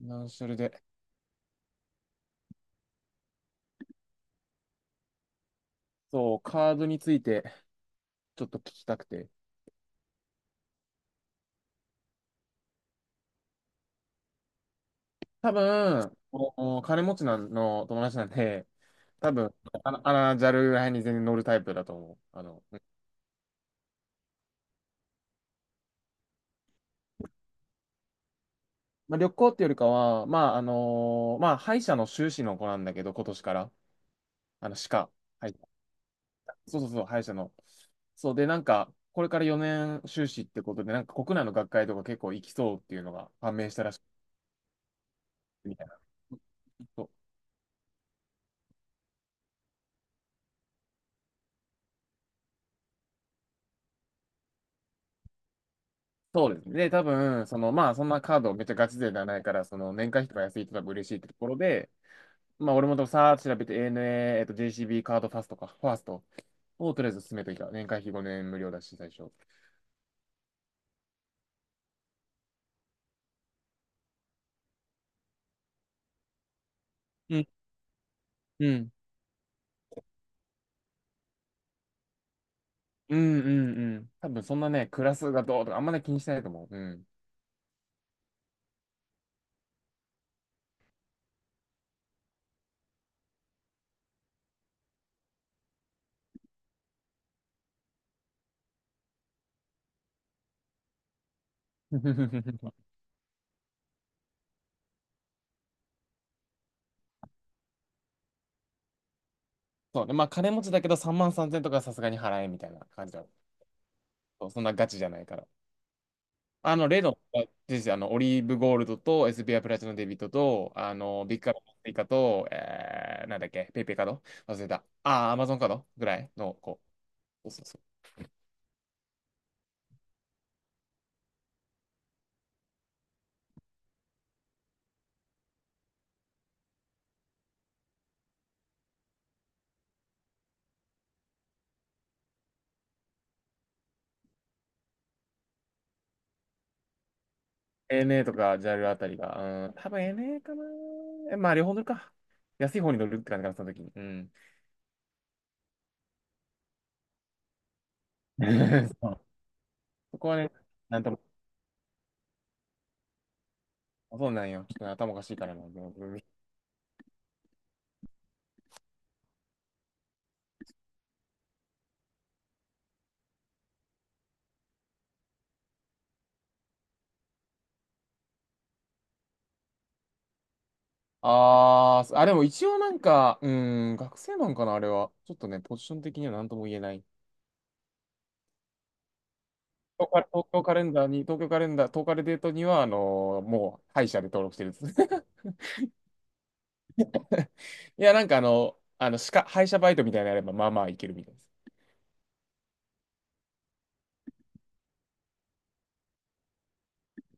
な、それで、そう、カードについてちょっと聞きたくて。多分、お金持ちなんの友達なんで、多分、JAL らへんに全然乗るタイプだと思う。うん。まあ、旅行っていうよりかは、まあ、まあ、歯医者の修士の子なんだけど、今年から、歯科、はい、そうそうそう、歯医者の。そうで、なんか、これから4年修士ってことで、なんか国内の学会とか結構行きそうっていうのが判明したらしいみたいな。そう。そうですね。で、多分、その、まあ、そんなカードめっちゃガチ勢ではないから、その、年会費とか安いと多分嬉しいってところで、まあ、俺もとさーっと調べて ANA、JCB カードファーストをとりあえず進めといた。年会費5年無料だし、最初。うん、うん。うんうんうん。多分そんなね、クラスがどうとかあんまり気にしてないと思う。うん。そうね。まあ金持ちだけど3万3000とかさすがに払えみたいな感じだ。そう。そんなガチじゃないから。レノンですよ。オリーブゴールドと、エスビーアイプラチナデビットと、ビッグカードパイカと、なんだっけ、ペイペイカード忘れた。アマゾンカードぐらいの子、こう。そうそう。 ANA とか JAL あたりが、うん、多分 n a かな。まあ、両方乗るか。安い方に乗るって感じかな、その時に。うん。そう。そこはね、なんとも、そうなんよ。ちょっとね頭おかしいからな。ああ、でも一応なんか、うん、学生なんかな、あれは。ちょっとね、ポジション的には何とも言えない。東京カレンダーに、東カレデートには、もう、歯医者で登録してるんです。いや、なんか歯医者バイトみたいなのやれば、まあまあいけるみたいです。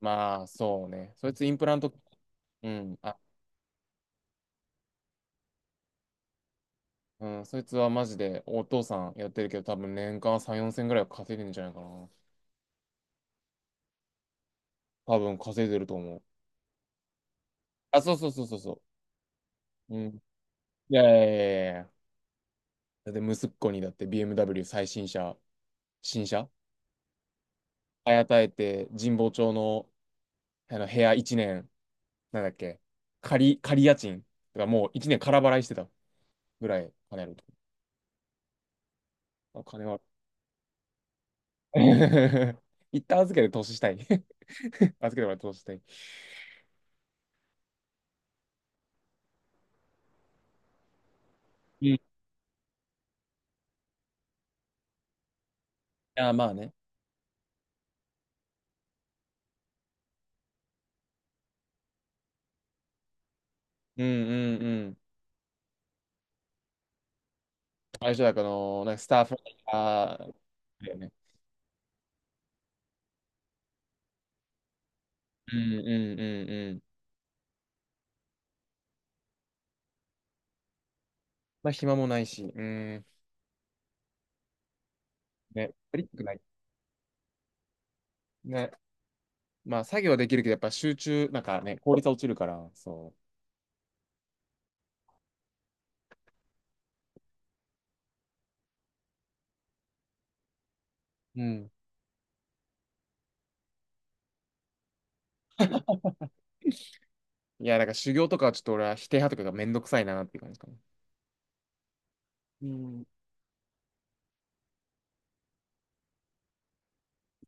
まあ、そうね。そいつインプラント、うん、あ、うん、そいつはマジでお父さんやってるけど、多分年間3、4千ぐらいは稼いでるんじゃないかな。多分稼いでると思う。あ、そうそうそうそうそう。うん。いやいやいやいやいや。だって息子にだって BMW 最新車、新車、あやたえて神保町の、あの部屋1年なんだっけ、仮家賃とかもう1年空払いしてたぐらい金あると。あ、金は。一旦預けて投資したい。預けてもらって投資したい。うん。あ、まあね。うんうんうん。最初だから、なんかスタッフあだよね。うんうんうんうん。まあ、暇もないし、うん。ね、トリックない。ね。まあ、作業はできるけど、やっぱ集中、なんかね、効率は落ちるから、そう。うん。いや、だから修行とかはちょっと俺は否定派とかがめんどくさいなっていう感じかな。うん。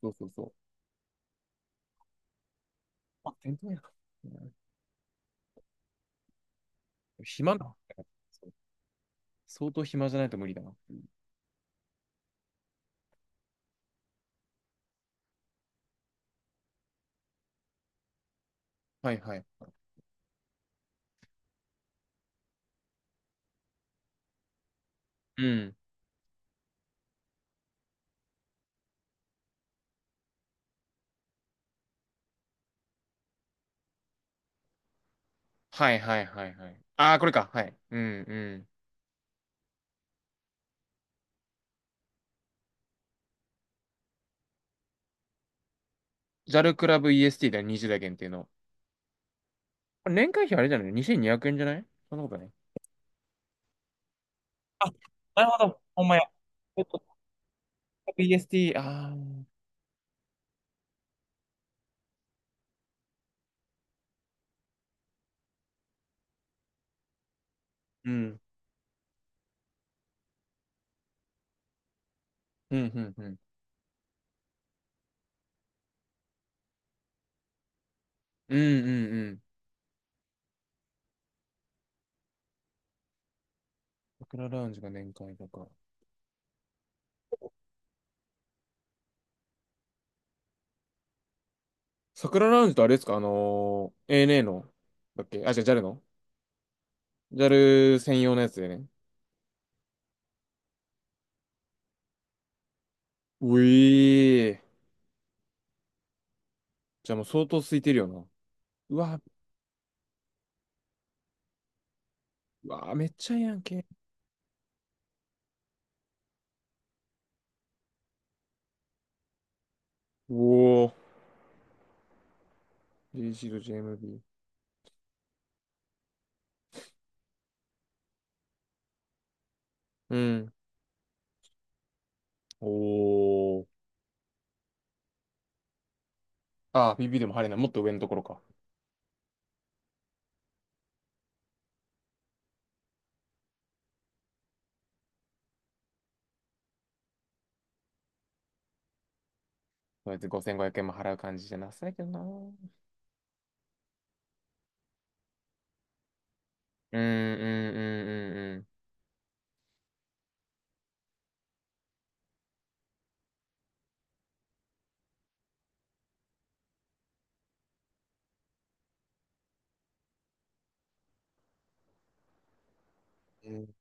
そうそうそう。あ、店頭やな。うん。暇だ。そう。相当暇じゃないと無理だな。はいはい。うん。はいはいはいはい。ああ、これか。はい。うんうん。ジャルクラブ EST だよ、20代限定の。これ年会費あれじゃない ?2200 円じゃない？そんなことない。あ、なるほど。ほんまや。ちょっと EST、ああ、うん。うん、うん、うん。うん、うん、うん。桜ラウンジが年会とか。桜ラウンジとあれですかANA の、だっけ、あ、じゃあ j a のジャル専用のやつでね。うえー。じゃあもう相当空いてるよな。うわ、うわ、めっちゃええやんけ。おお。JC と JMB。うん。おお。ああ、ビでも入れない。もっと上のところか。そうやって5500円も払う感じじゃなさいけどな。うんうんうんうんうん。うん。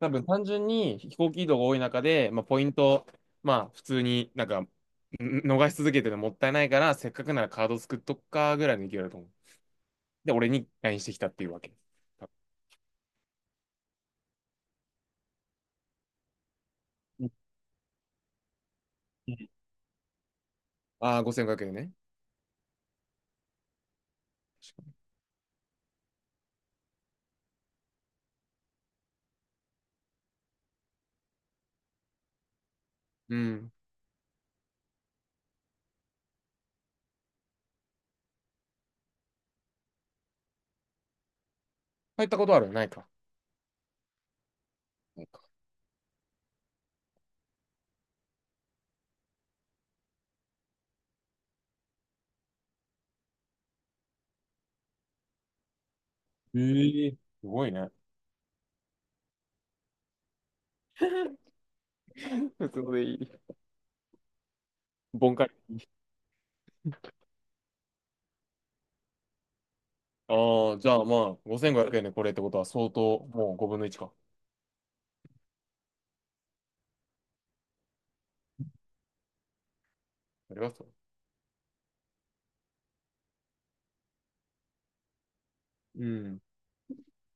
多分単純に飛行機移動が多い中で、まあ、ポイント、まあ普通になんかん逃し続けてるのもったいないから、せっかくならカード作っとくかぐらいの勢いだと思う。で、俺に LINE してきたっていうわけ。ああ、5500円ね。確かに。うん。入ったことあるないか。ないか。ええ、すごいね。普通のでいい。ボンカリ。ああ、じゃあまあ、5500円でこれってことは相当、もう5分の1か。ありがとう。うん。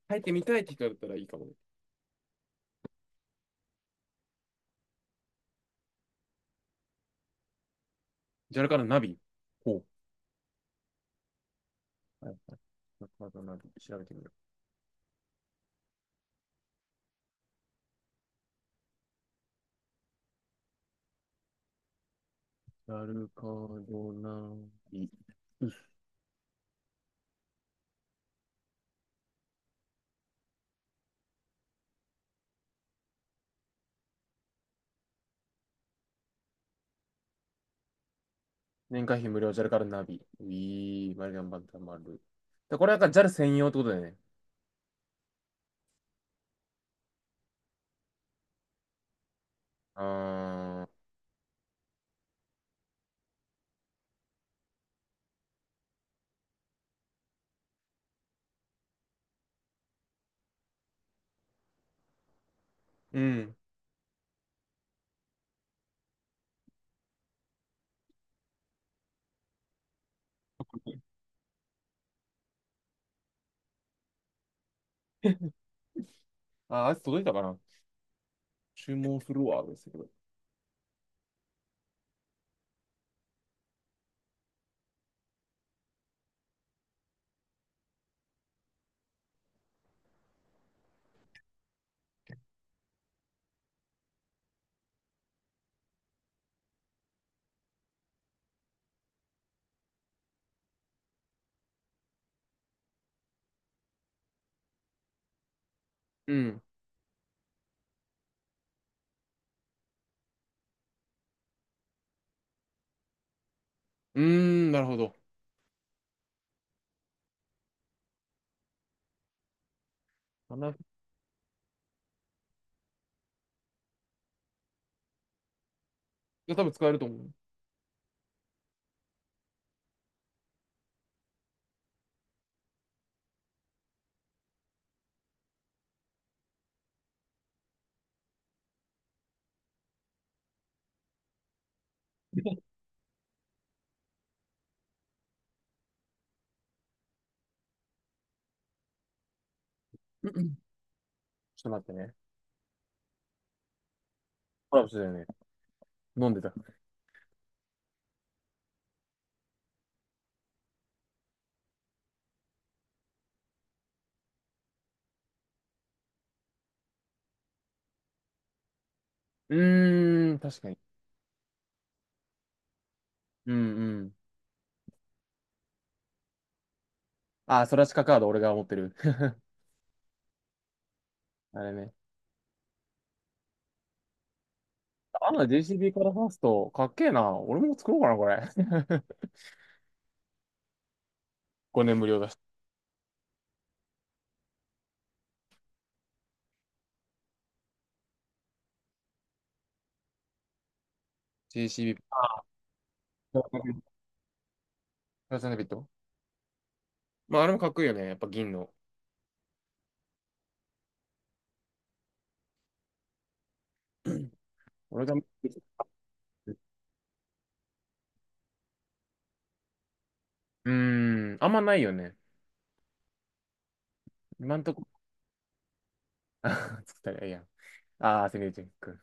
入ってみたいって聞かれたらいいかもね。ジャルカのナビ。ほう。はいはい。ジャルカのナビ、調べてみよう。ジャルカのナビ。年会費無料、ジャルカのナビ。ういー、マリガンバンタマル。で、これはなんか JAL 専用ってことだよね。あー、うん。あ、あいつ届いたかな。注文するわ、ですけど。うん。うーん、なるほど。7じゃ多分使えると思う。うんうん。ちょっと待ってね。コラボしてたよね。飲んでた。うーん、確かに。うんうん。あ、それはカード俺が持ってる。あれね。あの JCB からファースト、かっけえな。俺も作ろうかな、これ。5年無料だし。JCB、プラスナビット。まあ、あれもかっこいいよね。やっぱ銀の。俺が、うーん、あんまないよね。今んとこ、作ったらええやん。ああ、セミュージック。